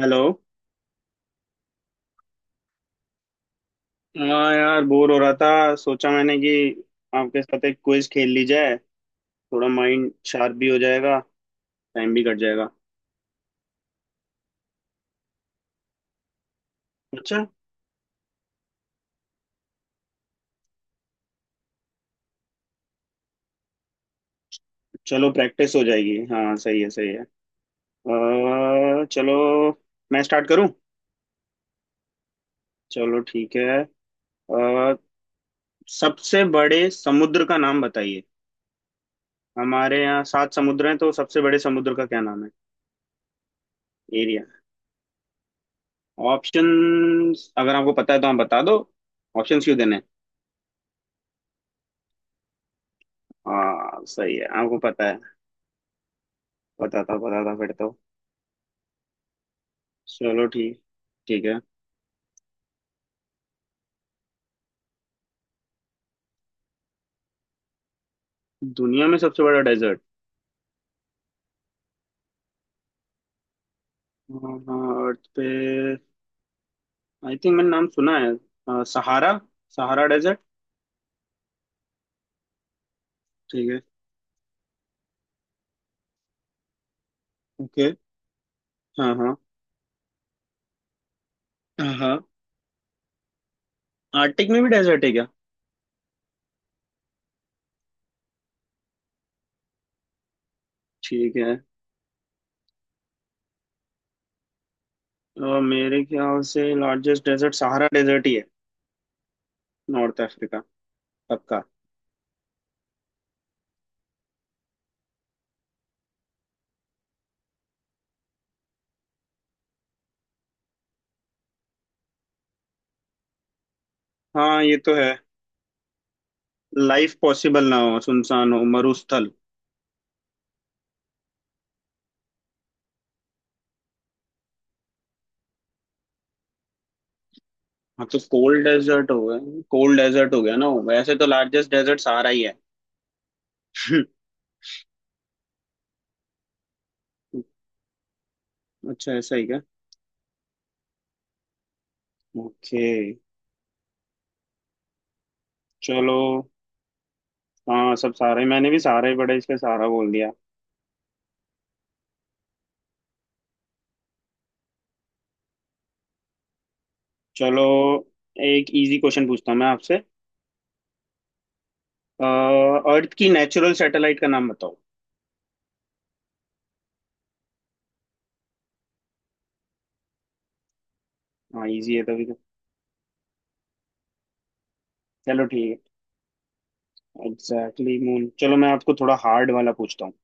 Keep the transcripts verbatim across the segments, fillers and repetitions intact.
Hello. हाँ यार, bore हो रहा था। सोचा मैंने कि आपके साथ एक क्विज खेल ली जाए। थोड़ा माइंड शार्प भी हो जाएगा। टाइम भी कट जाएगा। अच्छा। चलो प्रैक्टिस हो जाएगी। हाँ सही है, सही है अ, चलो मैं स्टार्ट करूं। चलो ठीक है। अ, सबसे बड़े समुद्र का नाम बताइए। हमारे यहाँ सात समुद्र हैं, तो सबसे बड़े समुद्र का क्या नाम है? एरिया। ऑप्शंस अगर आपको पता है तो आप बता दो। ऑप्शंस क्यों देने हैं? हाँ सही है, आपको पता है। पता था, पता था फिर तो। चलो ठीक। ठीक है। दुनिया में सबसे बड़ा डेजर्ट। हाँ, अर्थ पे। आई थिंक मैंने नाम सुना है। अ, सहारा। Sahara desert. ठीक है। ओके। हाँ हाँ हाँ हाँ। आर्टिक में भी डेजर्ट है क्या? ठीक है। अ, मेरे ख्याल से लार्जेस्ट डेजर्ट सहारा डेजर्ट ही है। North Africa. पक्का। हाँ ये तो है। लाइफ पॉसिबल ना हो, सुनसान हो, मरुस्थल। हाँ तो कोल्ड डेजर्ट हो गया। कोल्ड डेजर्ट हो गया ना वो। वैसे तो लार्जेस्ट डेजर्ट सहारा ही है। अच्छा ऐसा ही क्या। ओके। चलो। हाँ सब सारे, मैंने भी सारे बड़े, इसलिए सारा बोल दिया। चलो एक इजी क्वेश्चन पूछता हूँ मैं आपसे। अर्थ की नेचुरल सैटेलाइट का नाम बताओ। हाँ इजी है तभी तो। चलो ठीक है, एग्जैक्टली मून। चलो मैं आपको थोड़ा हार्ड वाला पूछता हूँ।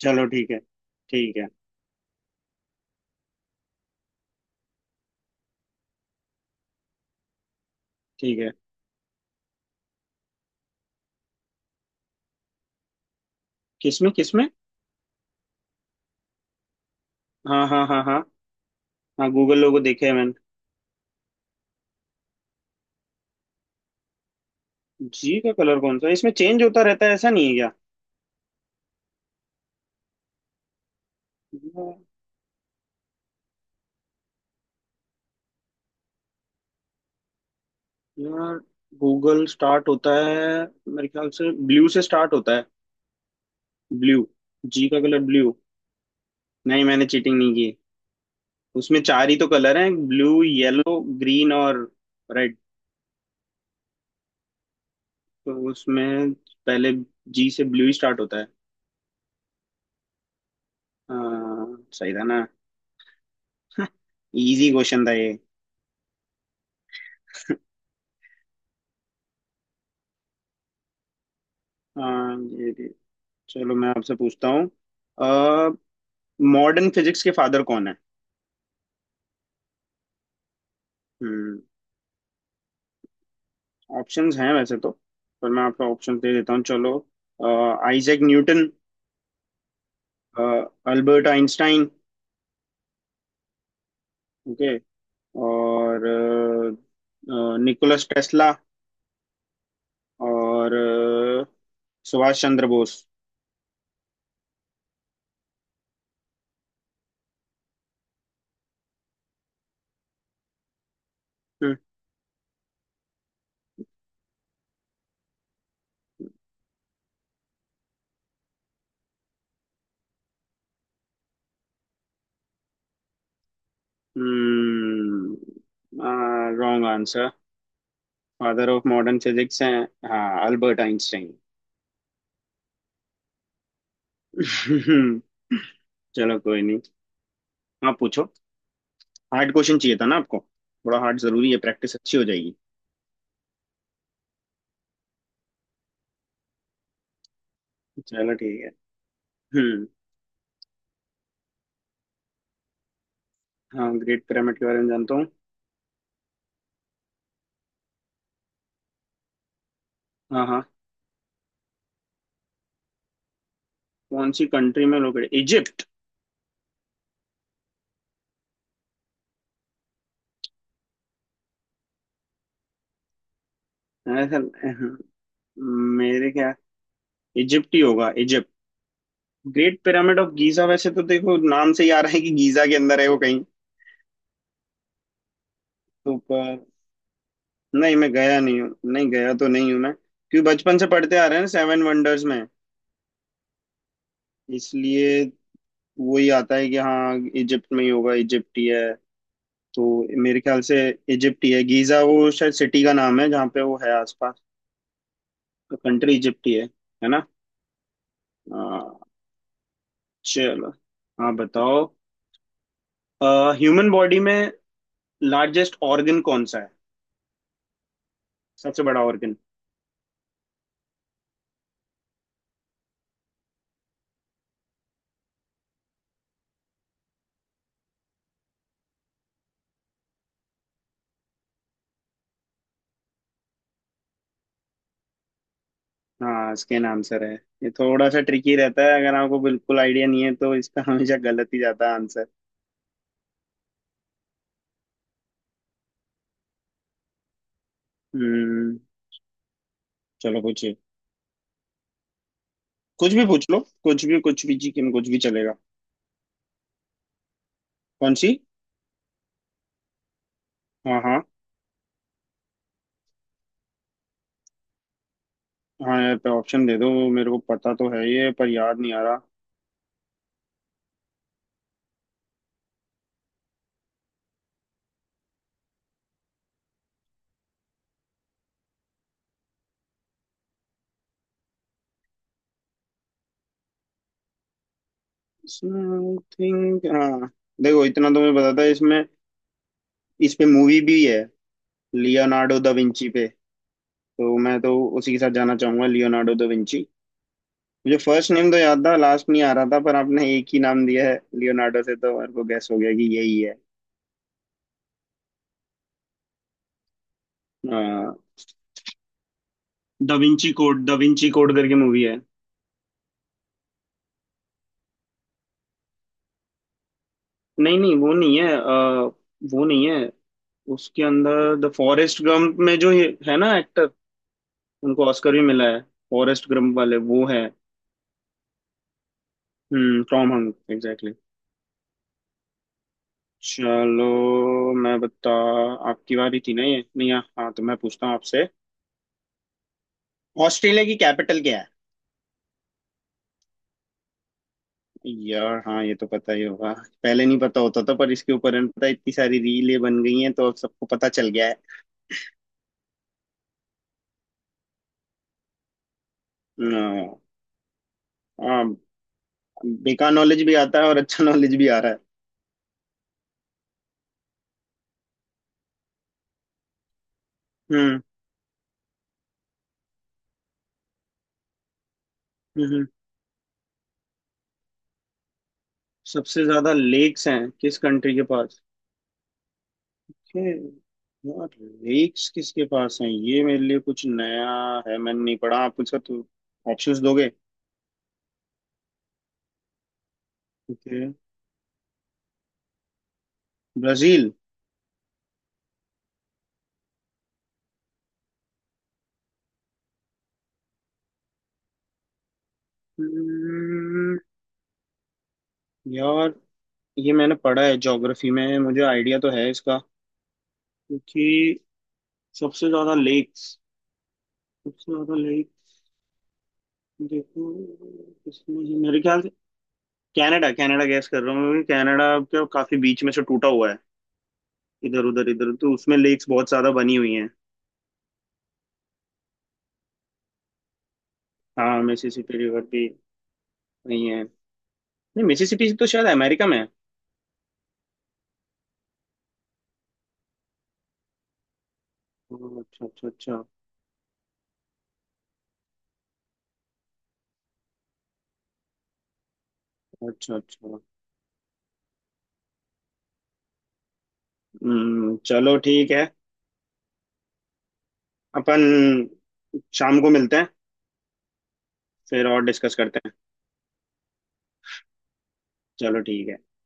चलो ठीक है। ठीक है। ठीक है। किसमें किसमें? हाँ हाँ हाँ हाँ। हाँ गूगल लोगो देखे हैं मैंने। जी का कलर कौन सा है? इसमें चेंज होता रहता है, ऐसा नहीं है क्या? यार गूगल स्टार्ट होता है, मेरे ख्याल से ब्लू से स्टार्ट होता है। ब्लू। जी का कलर ब्लू। नहीं, मैंने चीटिंग नहीं की। उसमें चार ही तो कलर हैं, ब्लू, येलो, ग्रीन और रेड। तो उसमें पहले जी से ब्लू ही स्टार्ट होता है। हाँ, सही था ना। इजी क्वेश्चन था ये। हाँ ये भी। चलो मैं आपसे पूछता हूँ। मॉडर्न फिजिक्स के फादर कौन है? हम्म। ऑप्शंस हैं वैसे तो, पर मैं आपको ऑप्शन दे देता हूँ, चलो। Isaac Newton. Albert Einstein. Okay. और निकोलस टेस्ला। और अ, सुभाष चंद्र बोस। हम्म। Wrong answer. Father of modern physics हैं हाँ अल्बर्ट आइंस्टाइन। चलो कोई नहीं। हाँ पूछो। हार्ड क्वेश्चन चाहिए था ना आपको। थोड़ा हार्ड जरूरी है, प्रैक्टिस अच्छी हो जाएगी। चलो ठीक है। हम्म। हाँ ग्रेट पिरामिड के बारे में जानता हूँ। हाँ हाँ। कौन सी कंट्री में लोकेटेड? इजिप्ट। सर मेरे क्या। इजिप्ट ही होगा, Egypt. Great pyramid of Giza, वैसे तो देखो नाम से ही आ रहा है कि गीजा के अंदर है वो कहीं। तो पर नहीं मैं गया नहीं हूँ, नहीं गया तो नहीं हूँ मैं, क्योंकि बचपन से पढ़ते आ रहे हैं सेवन वंडर्स में। इसलिए वही आता है कि हाँ इजिप्ट में ही होगा, इजिप्ट ही है। तो मेरे ख्याल से इजिप्ट ही है। गीजा वो शायद सिटी का नाम है जहाँ पे वो है आसपास। तो कंट्री इजिप्ट ही है है ना। हाँ। चलो। हाँ बताओ। ह्यूमन बॉडी में लार्जेस्ट ऑर्गन कौन सा है? सबसे बड़ा ऑर्गन। हाँ स्किन आंसर है। ये थोड़ा सा ट्रिकी रहता है, अगर आपको बिल्कुल आइडिया नहीं है तो इसका हमेशा गलत ही जाता है आंसर। हम्म। चलो पूछिए। कुछ भी पूछ लो, कुछ भी, कुछ भी जी, कुछ भी चलेगा। कौन सी? हाँ हाँ। हाँ यार पे ऑप्शन दे दो, मेरे को पता तो है ये पर याद नहीं आ रहा। समथिंग हाँ। देखो इतना तो मैं बताता इसमें। इस पे मूवी भी है लियोनार्डो दा विंची पे। तो मैं तो उसी के साथ जाना चाहूंगा, लियोनार्डो दा विंची। मुझे फर्स्ट नेम तो याद था, लास्ट नहीं आ रहा था, पर आपने एक ही नाम दिया है लियोनार्डो, से तो मेरे को गैस हो गया कि यही है। Da Vinci code, da Vinci code करके मूवी है। नहीं नहीं वो नहीं है। अ, वो नहीं है। उसके अंदर द फॉरेस्ट गंप में जो ये है ना एक्टर, उनको ऑस्कर भी मिला है, फॉरेस्ट गंप वाले वो है। हम्म टॉम हंक एग्जैक्टली। चलो मैं बता, आपकी बारी थी ना ये नहीं। हाँ हाँ, तो मैं पूछता हूँ आपसे। ऑस्ट्रेलिया की कैपिटल क्या है? यार हाँ ये तो पता ही होगा। पहले नहीं पता होता था पर इसके ऊपर है ना, पता है, इतनी सारी रीलें बन गई हैं तो अब सबको पता चल गया है। न, आ, बेकार नॉलेज भी आता है और अच्छा नॉलेज भी आ रहा है। हम्म हम्म हम्म। सबसे ज्यादा लेक्स हैं किस कंट्री के पास? ये- यार लेक्स किसके पास हैं, ये मेरे लिए कुछ नया है, मैंने नहीं पढ़ा। आप कुछ तो ऑप्शंस दोगे। ओके। ब्राजील। हम्म, यार ये मैंने पढ़ा है ज्योग्राफी में, मुझे आइडिया तो है इसका। क्योंकि सबसे ज्यादा लेक्स, सबसे ज्यादा लेक, देखो इसमें ये मेरे ख्याल से कनाडा। कनाडा गैस कर रहा हूँ क्योंकि कनाडा के काफी बीच में से टूटा हुआ है, इधर उधर इधर, तो उसमें लेक्स बहुत ज्यादा बनी हुई हैं। हाँ मिसिसिपी रिवर भी वही है। नहीं मिसिसिपी तो शायद अमेरिका में है। ओह, अच्छा अच्छा अच्छा। अच्छा अच्छा। हम्म चलो ठीक है। अपन शाम को मिलते हैं, फिर और डिस्कस करते हैं। चलो ठीक है। बाय।